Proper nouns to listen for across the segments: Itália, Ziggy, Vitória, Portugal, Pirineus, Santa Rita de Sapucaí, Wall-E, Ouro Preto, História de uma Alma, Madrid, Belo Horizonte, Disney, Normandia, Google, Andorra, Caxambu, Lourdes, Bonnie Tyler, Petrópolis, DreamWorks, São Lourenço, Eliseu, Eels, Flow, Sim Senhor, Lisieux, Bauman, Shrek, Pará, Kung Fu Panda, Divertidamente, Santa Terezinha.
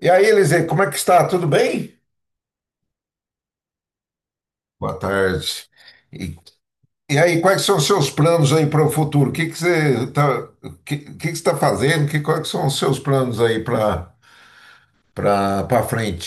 E aí, Eliseu, como é que está? Tudo bem? Boa tarde. E, e aí, quais são os seus planos aí para o futuro? O que que você está, que você tá fazendo? Quais são os seus planos aí para frente?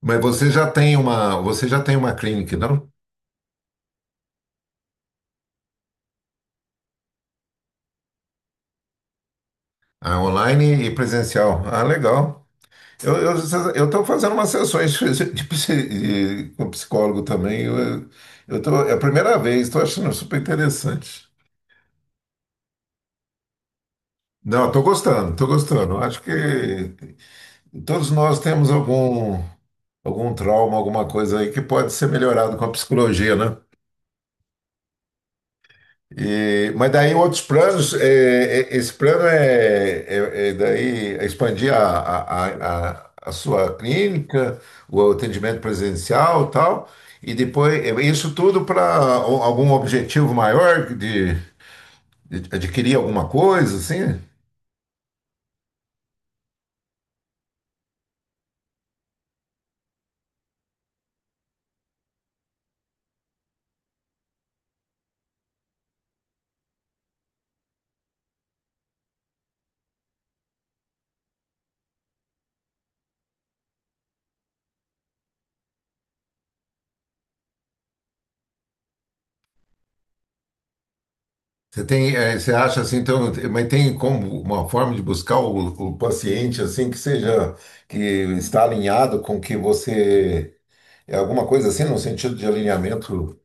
Mas você já tem uma clínica, não? Ah, online e presencial. Ah, legal. Eu eu estou fazendo umas sessões com psicólogo também. Eu tô, é a primeira vez, estou achando super interessante. Não, estou gostando, estou gostando. Acho que todos nós temos algum trauma, alguma coisa aí que pode ser melhorado com a psicologia, né? Mas daí outros planos, esse plano é daí expandir a sua clínica, o atendimento presencial e tal, e depois isso tudo para algum objetivo maior de adquirir alguma coisa, assim? Você acha assim, então, mas tem como uma forma de buscar o paciente assim que seja que está alinhado com que você é alguma coisa assim no sentido de alinhamento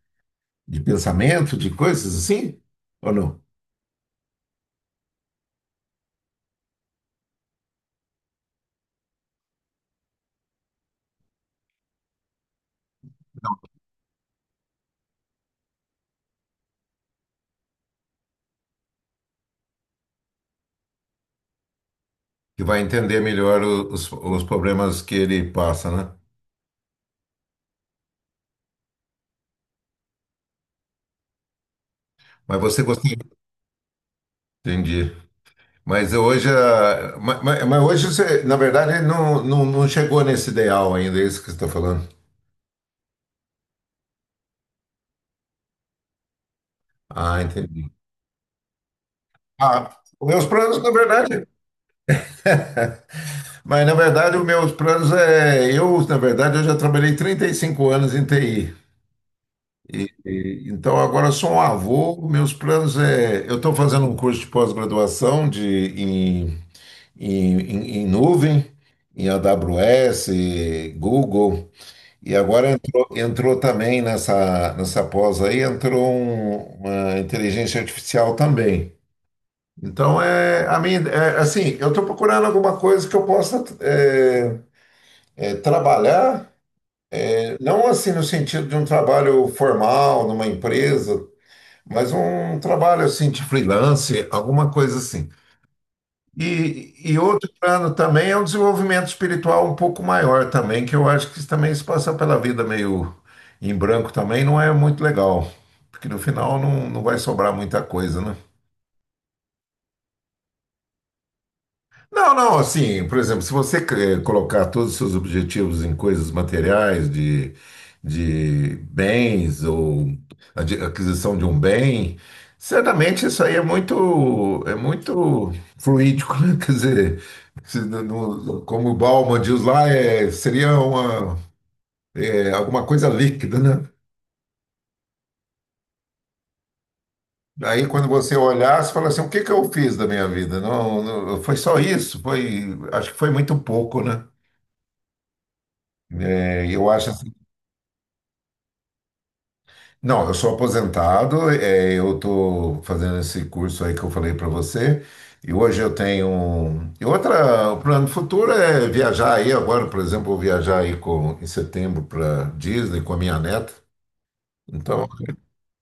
de pensamento, de coisas assim, ou não? Que vai entender melhor os problemas que ele passa, né? Mas você gostaria, entendi. Mas hoje, hoje você, na verdade, não chegou nesse ideal ainda, é isso que você está falando. Ah, entendi. Ah, meus planos, na verdade. Mas, na verdade, os meus planos é. Eu, na verdade, eu já trabalhei 35 anos em TI. Então, agora eu sou um avô. Meus planos é. Eu estou fazendo um curso de pós-graduação de, em, em, em- em nuvem, em AWS, Google. E agora entrou também nessa pós aí, entrou uma inteligência artificial também. Então, é, a minha, é, assim, eu estou procurando alguma coisa que eu possa, trabalhar, não assim no sentido de um trabalho formal, numa empresa, mas um trabalho assim de freelance, alguma coisa assim. E outro plano também é um desenvolvimento espiritual um pouco maior também, que eu acho que também se passar pela vida meio em branco também não é muito legal, porque no final não vai sobrar muita coisa, né? Não, não, assim, por exemplo, se você colocar todos os seus objetivos em coisas materiais, de bens ou aquisição de um bem, certamente isso aí é muito fluídico, né? Quer dizer, se não- não- como o Bauman diz lá, seria alguma coisa líquida, né? Aí quando você olhar, você fala assim, o que que eu fiz da minha vida? Não, não, foi só isso, acho que foi muito pouco, né? É, eu acho. Não, eu sou aposentado, eu estou fazendo esse curso aí que eu falei para você, e hoje eu tenho. E outra, o plano futuro é viajar aí agora, por exemplo, vou viajar aí em setembro para Disney com a minha neta. Então,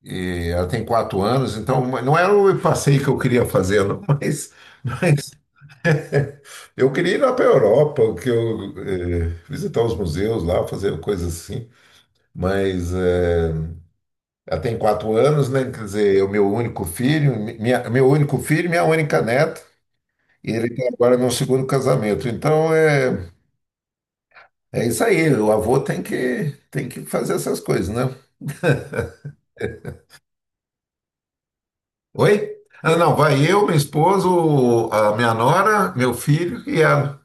e ela tem 4 anos, então não era o passeio que eu queria fazer, não, mas, mas eu queria ir lá para a Europa, que eu, visitar os museus lá, fazer coisas assim, mas. Ela tem quatro anos, né? Quer dizer, é o meu único filho, meu único filho, e minha única neta, e ele tem agora meu segundo casamento. Então é isso aí, o avô tem que fazer essas coisas, né? Oi? Ah, não, vai eu, minha esposa, a minha nora, meu filho e ela.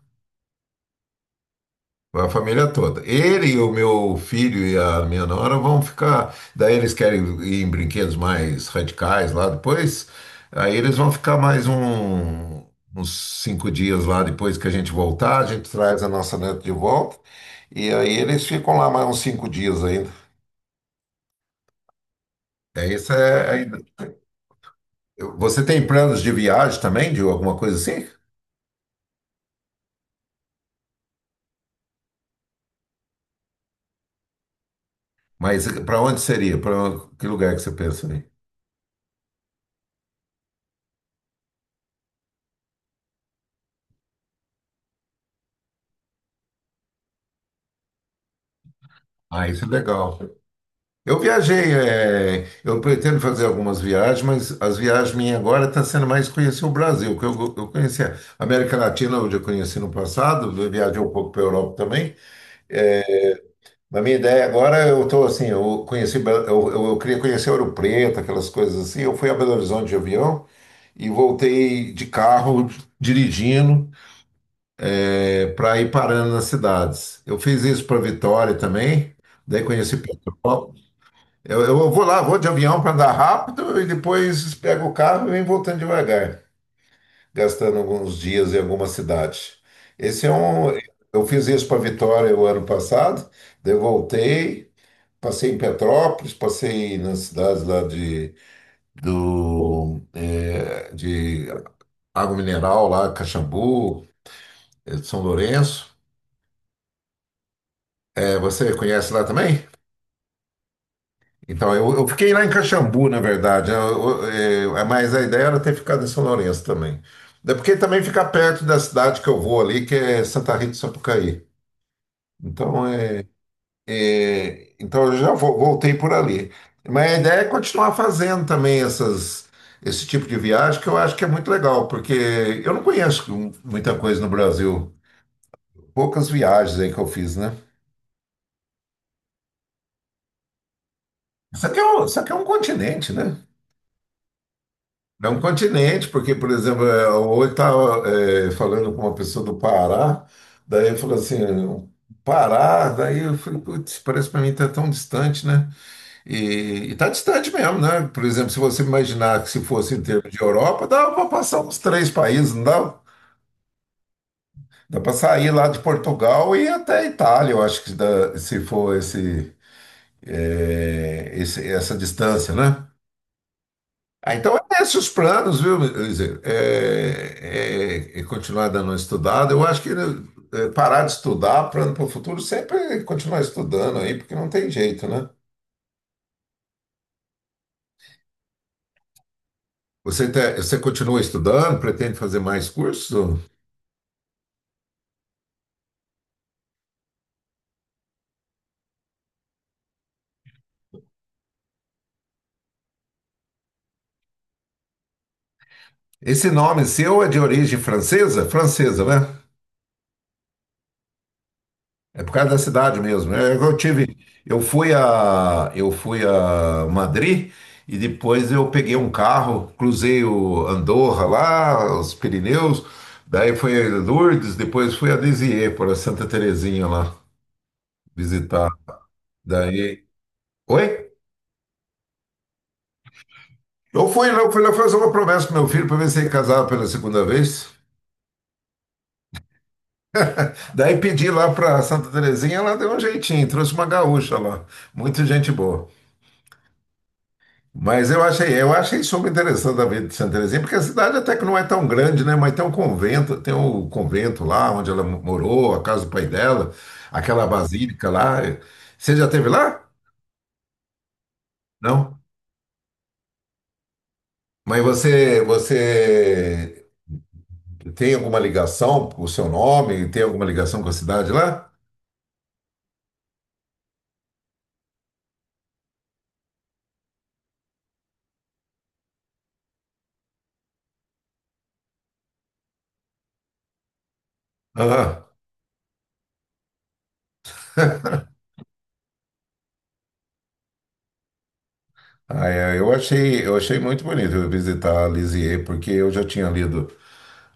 Vai a família toda. O meu filho e a minha nora vão ficar. Daí eles querem ir em brinquedos mais radicais lá depois. Aí eles vão ficar mais uns 5 dias lá depois que a gente voltar. A gente traz a nossa neta de volta. E aí eles ficam lá mais uns 5 dias ainda. É isso é. Ainda. Você tem planos de viagem também, de alguma coisa assim? Mas para onde seria? Para que lugar que você pensa aí? Ah, isso é legal. Eu viajei, eu pretendo fazer algumas viagens, mas as viagens minhas agora estão sendo mais conhecer o Brasil, que eu conheci a América Latina, onde eu conheci no passado, eu viajei um pouco para a Europa também. Mas minha ideia agora, eu estou assim, eu conheci, Bel- eu queria conhecer Ouro Preto, aquelas coisas assim. Eu fui a Belo Horizonte de avião e voltei de carro, dirigindo, para ir parando nas cidades. Eu fiz isso para Vitória também, daí conheci Petrópolis. Eu vou lá, vou de avião para andar rápido e depois pego o carro e venho voltando devagar, gastando alguns dias em alguma cidade. Esse é um. Eu fiz isso para Vitória o ano passado, daí eu voltei, passei em Petrópolis, passei nas cidades lá de Água Mineral, lá, Caxambu, São Lourenço. Você conhece lá também? Então, eu fiquei lá em Caxambu, na verdade, mas a ideia era ter ficado em São Lourenço também. É porque também fica perto da cidade que eu vou ali, que é Santa Rita de Sapucaí. Então, eu já voltei por ali. Mas a ideia é continuar fazendo também esse tipo de viagem, que eu acho que é muito legal, porque eu não conheço muita coisa no Brasil. Poucas viagens aí que eu fiz, né? Isso aqui é um continente, né? É um continente, porque, por exemplo, hoje estava falando com uma pessoa do Pará, daí eu falei assim, Pará, daí eu falei, putz, parece para mim tá tão distante, né? E tá distante mesmo, né? Por exemplo, se você imaginar que se fosse em termos de Europa, dava para passar uns três países, não dá? Dá para sair lá de Portugal e ir até a Itália, eu acho que se for essa distância, né? Ah, então, é esses os planos, viu, Eliseu? É continuar dando uma estudada. Eu acho que, né, parar de estudar, plano para o futuro, sempre continuar estudando aí, porque não tem jeito, né? Você continua estudando, pretende fazer mais cursos? Esse nome seu é de origem francesa? Francesa, né? É por causa da cidade mesmo, né? É que eu tive, eu fui a Madrid e depois eu peguei um carro, cruzei o Andorra lá, os Pirineus, daí fui a Lourdes, depois fui a Lisieux, para Santa Terezinha lá visitar. Daí, oi? Eu fui lá fazer uma promessa pro meu filho para ver se ele casava pela segunda vez. Daí pedi lá para Santa Terezinha, ela deu um jeitinho, trouxe uma gaúcha lá, muita gente boa. Mas eu achei super interessante a vida de Santa Terezinha, porque a cidade até que não é tão grande, né? Mas tem um convento, tem o convento lá onde ela morou, a casa do pai dela, aquela basílica lá. Você já esteve lá? Não. Mas você tem alguma ligação com o seu nome? Tem alguma ligação com a cidade lá? Aham. Ah, eu achei muito bonito eu visitar Lisieux, porque eu já tinha lido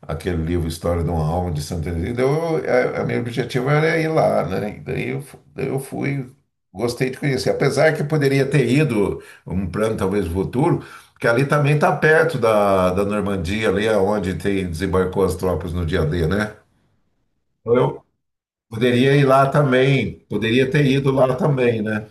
aquele livro História de uma Alma de Santa Teresa. Então, a meu objetivo era ir lá, né? Daí eu fui, gostei de conhecer. Apesar que eu poderia ter ido, um plano talvez futuro, que ali também está perto da Normandia, ali aonde tem, desembarcou as tropas no dia D, né? Então, eu poderia ir lá também, poderia ter ido lá também, né?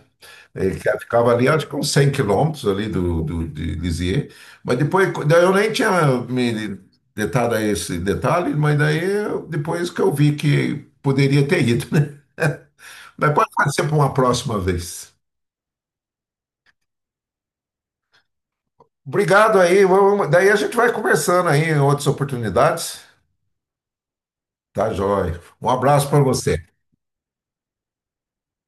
Ele que ficava ali, acho que uns 100 quilômetros ali de Lisieux. Mas depois, daí eu nem tinha me detado a esse detalhe, mas daí depois que eu vi que poderia ter ido, né? Mas pode ser para uma próxima vez. Obrigado aí. Daí a gente vai conversando aí em outras oportunidades. Tá, joia. Um abraço para você.